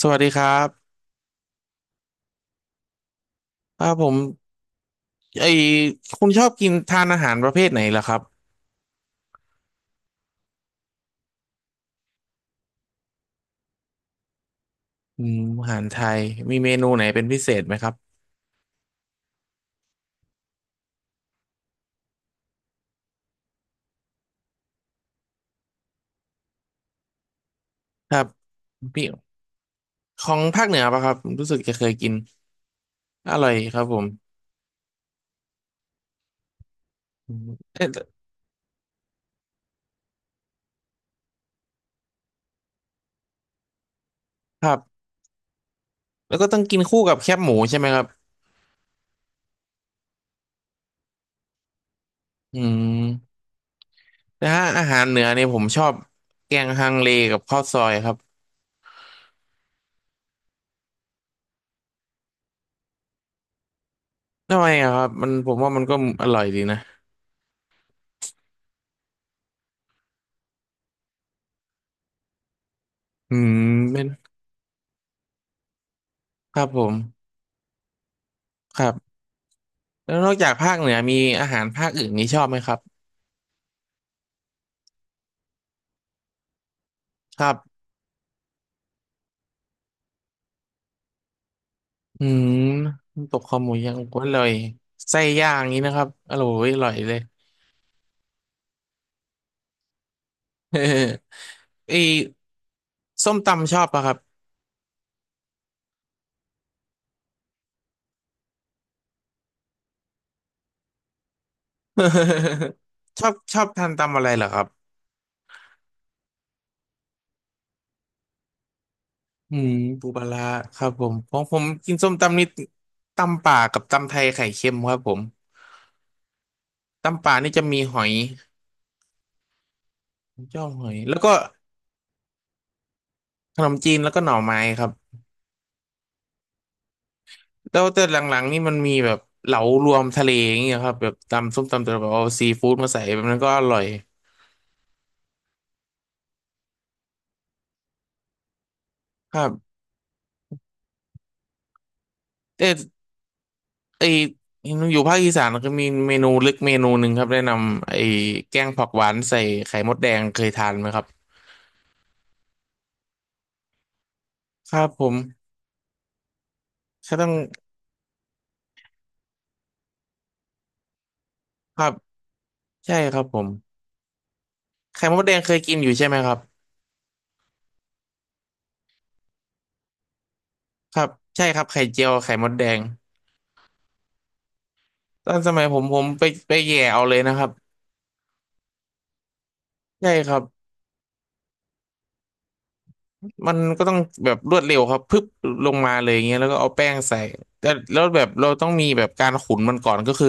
สวัสดีครับครับผมไอคุณชอบกินทานอาหารประเภทไหนล่ะครับอืมอาหารไทยมีเมนูไหนเป็นพิเศษไหมครับครับพี่ของภาคเหนือปะครับรู้สึกจะเคยกินอร่อยครับผมอืมเอ๊ะครับแล้วก็ต้องกินคู่กับแคบหมูใช่ไหมครับอืมนะอาหารเหนือเนี่ยผมชอบแกงฮังเลกับข้าวซอยครับทำไมอะครับมันผมว่ามันก็อร่อยดีนะอืมเป็นครับผมครับ แล้วนอกจากภาคเหนือมีอาหารภาคอื่นนี้ชอบไหมครับครับอืมน้ำตกคอหมูยังก็อร่อยไส้ย่างนี้นะครับอร่อยเลย เออไอส้มตำชอบปะครับ ชอบชอบทานตำอะไรเหรอครับอืมปูปลาร้าครับผมของผมกินส้มตำนี่ตำป่ากับตำไทยไข่เค็มครับผมตำป่านี่จะมีหอยจ้องหอยแล้วก็ขนมจีนแล้วก็หน่อไม้ครับ แล้วแต่หลังๆนี่มันมีแบบเหลารวมทะเลอย่างเงี้ยครับแบบตำส้มตำแต่แบบเอาซีฟู้ดมาใส่แบบนั้นก็อร่อยครับแต่ไออยู่ภาคอีสานก็มีเมนูลึกเมนูหนึ่งครับแนะนำแกงผักหวานใส่ไข่มดแดงเคยทานไหมครับครับผมก็ต้องครับใช่ครับผมไข่มดแดงเคยกินอยู่ใช่ไหมครับครับใช่ครับไข่เจียวไข่มดแดงตอนสมัยผมผมไปแย่เอาเลยนะครับใช่ครับ มันก็ต้องแบบรวดเร็วครับพึบลงมาเลยอย่างเงี้ยแล้วก็เอาแป้งใส่แต่แล้วแบบเราต้องมีแบบการขุนมันก่อนก็คือ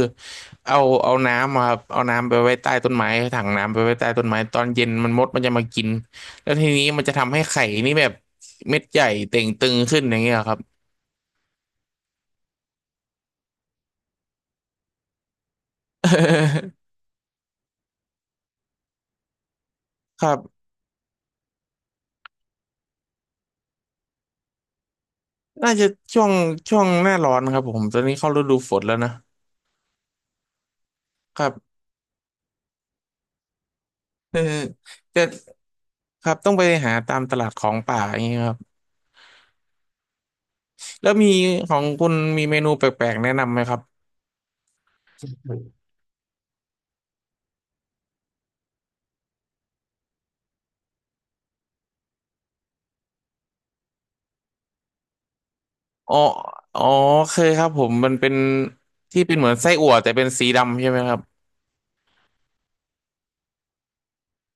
เอาเอาน้ำมาครับเอาน้ำไปไว้ใต้ต้นไม้ถังน้ำไปไว้ใต้ต้นไม้ตอนเย็นมันมดมันจะมากินแล้วทีนี้มันจะทำให้ไข่นี่แบบเม็ดใหญ่เต่งตึงขึ้นอย่างเงี้ยครับ ครับน่าจะช่วงช่วงหน้าร้อนครับผมตอนนี้เข้าฤดูฝนแล้วนะครับ เออแต่ครับต้องไปหาตามตลาดของป่าอย่างเงี้ยครับ แล้วมีของคุณมีเมนูแปลกๆแนะนำไหมครับ อ๋ออ๋อเคยครับผมมันเป็นที่เป็นเหมือนไส้อั่วแต่เป็นสีดำใช่ไหมครับ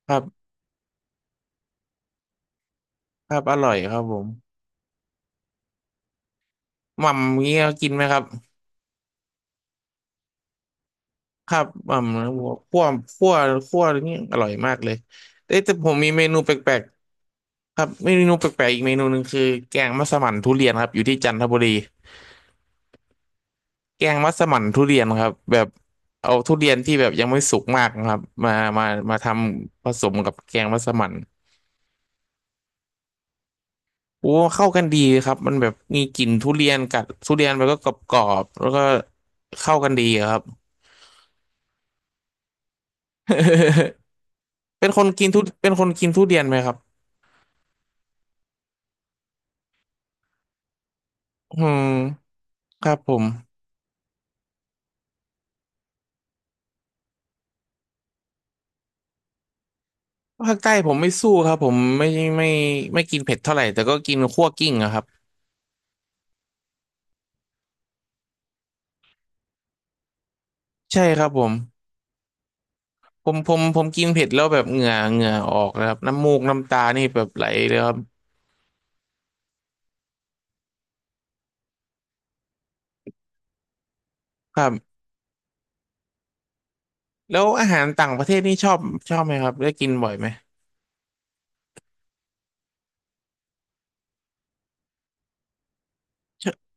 ครับครับอร่อยครับผมหม่ำเงี้ยกินไหมครับครับหม่ำหัวคั่วคั่วนี่อร่อยมากเลยเอ้ยแต่ผมมีเมนูแปลกๆครับเมนูแปลกๆอีกเมนูหนึ่งคือแกงมัสมั่นทุเรียนครับอยู่ที่จันทบุรีแกงมัสมั่นทุเรียนครับแบบเอาทุเรียนที่แบบยังไม่สุกมากนะครับมามาทำผสมกับแกงมัสมั่น โอ้เข้ากันดีครับมันแบบมีกลิ่นทุเรียนกัดทุเรียนมันก็กรอบๆแล้วก็เข้ากันดีอะครับ เป็นคนกินทุเรียนไหมครับอืมครับผมภาคใต้ผมไม่สู้ครับผมไม่ไม่กินเผ็ดเท่าไหร่แต่ก็กินคั่วกลิ้งอะครับใช่ครับผมผมกินเผ็ดแล้วแบบเหงื่อออกนะครับน้ำมูกน้ำตานี่แบบไหลเลยครับครับแล้วอาหารต่างประเทศนี่ชอบไหมครับได้กินบ่อยไหมชอบ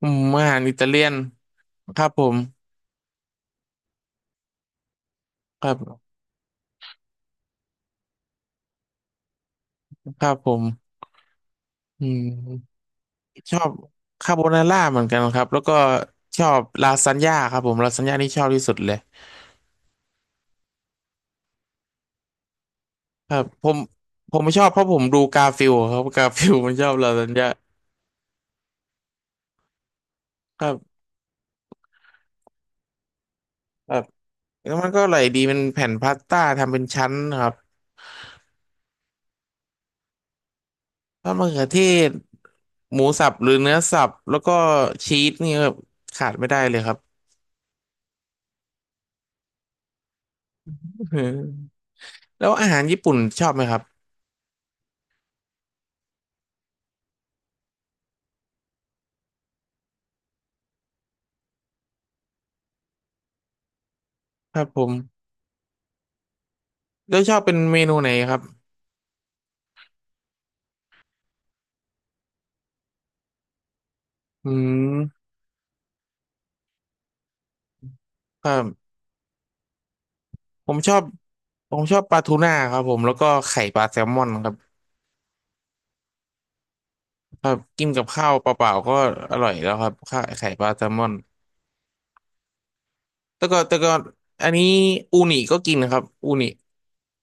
อืมอาหารอิตาเลียนครับผม ครับครับผมอืมชอบคาโบนาร่าเหมือนกันครับแล้วก็ชอบลาซานญ่าครับผมลาซานญ่านี่ชอบที่สุดเลยครับผมไม่ชอบเพราะผมดูกาฟิลครับกาฟิลมันชอบลาซานญ่าครับครับแล้วมันก็อร่อยดีเป็นแผ่นพาสต้าทำเป็นชั้นครับท้ดมะเขือเทศหมูสับหรือเนื้อสับแล้วก็ชีสนี่ครับขาดไม่ได้เลยครับ เออแล้วอาหารญี่ปุ่นชอบไหมครับครับผมแล้วชอบเป็นเมนูไหนครับอืมครับ ผมชอบผมชอบปลาทูน่าครับผมแล้วก็ไข่ปลาแซลมอนครับครับกินกับข้าวเปล่าๆก็อร่อยแล้วครับข้าวไข่ปลาแซลมอนแต่ก็อันนี้อูนิก็กินนะครับอูนิ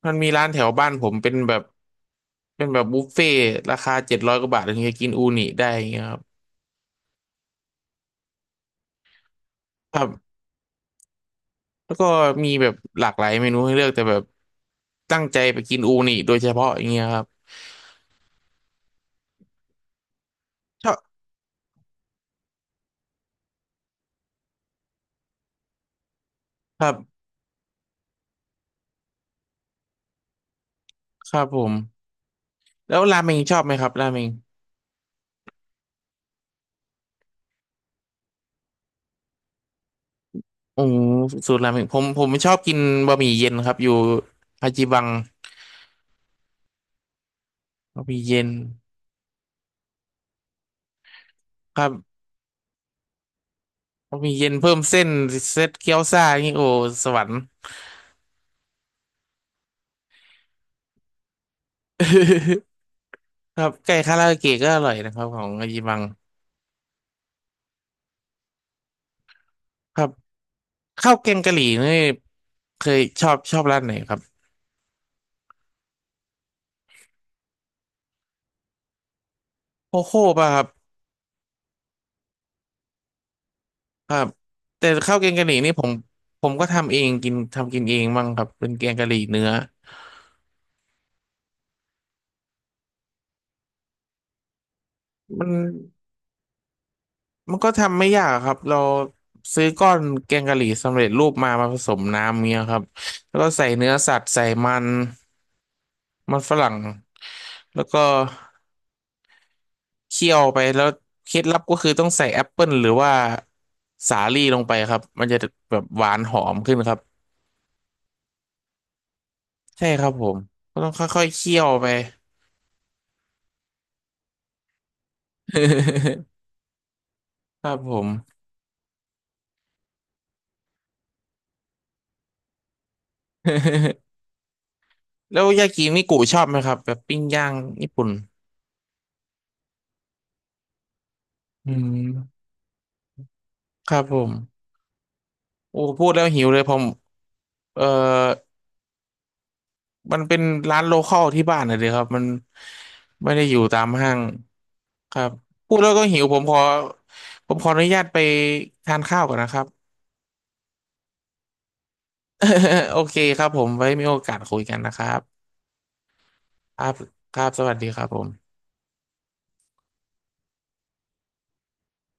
มันมีร้านแถวบ้านผมเป็นแบบบุฟเฟ่ต์ราคา700กว่าบาทถึงจะกินอูนิได้อย่างเงี้ยครับครับแล้วก็มีแบบหลากหลายเมนูให้เลือกแต่แบบตั้งใจไปกินอูนิโดยเฉพาะอย่างเงี้ยครับชอบครับครับผมแล้วราเมงชอบไหมครับราเมง โอ้สูตรราเมงผมไม่ชอบกินบะหมี่เย็นครับอยู่ฮาจิบังบะหมี่เย็นครับบะหมี่เย็นเพิ่มเส้นเซตเกี๊ยวซ่านี่โอ้สวรรค์ ครับไก่คาราโอเกะก็อร่อยนะครับของฮาจิบังครับข้าวแกงกะหรี่นี่เคยชอบร้านไหนครับโคโค่ป่ะครับครับแต่ข้าวแกงกะหรี่นี่ผมก็ทำเองกินทำกินเองบ้างครับเป็นแกงกะหรี่เนื้อมัน มันก็ทำไม่ยากครับเราซื้อก้อนแกงกะหรี่สำเร็จรูปมาผสมน้ำเงี้ยครับแล้วก็ใส่เนื้อสัตว์ใส่มันมันฝรั่งแล้วก็เคี่ยวไปแล้วเคล็ดลับก็คือต้องใส่แอปเปิลหรือว่าสาลี่ลงไปครับมันจะแบบหวานหอมขึ้นครับใช่ครับผมก็ต้องค่อยๆเคี่ยวไป ครับผม แล้วยากินิกุชอบไหมครับแบบปิ้งย่างญี่ปุ่นอืมครับผมโอ้พูดแล้วหิวเลยผม เออมันเป็นร้านโลคอลที่บ้านนะเดียครับมันไม่ได้อยู่ตามห้างครับพูดแล้วก็หิวผมขอผมขออนุญาตไปทานข้าวก่อนนะครับ โอเคครับผมไว้มีโอกาสคุยกันนะครับครับครับสวัสดีครับผม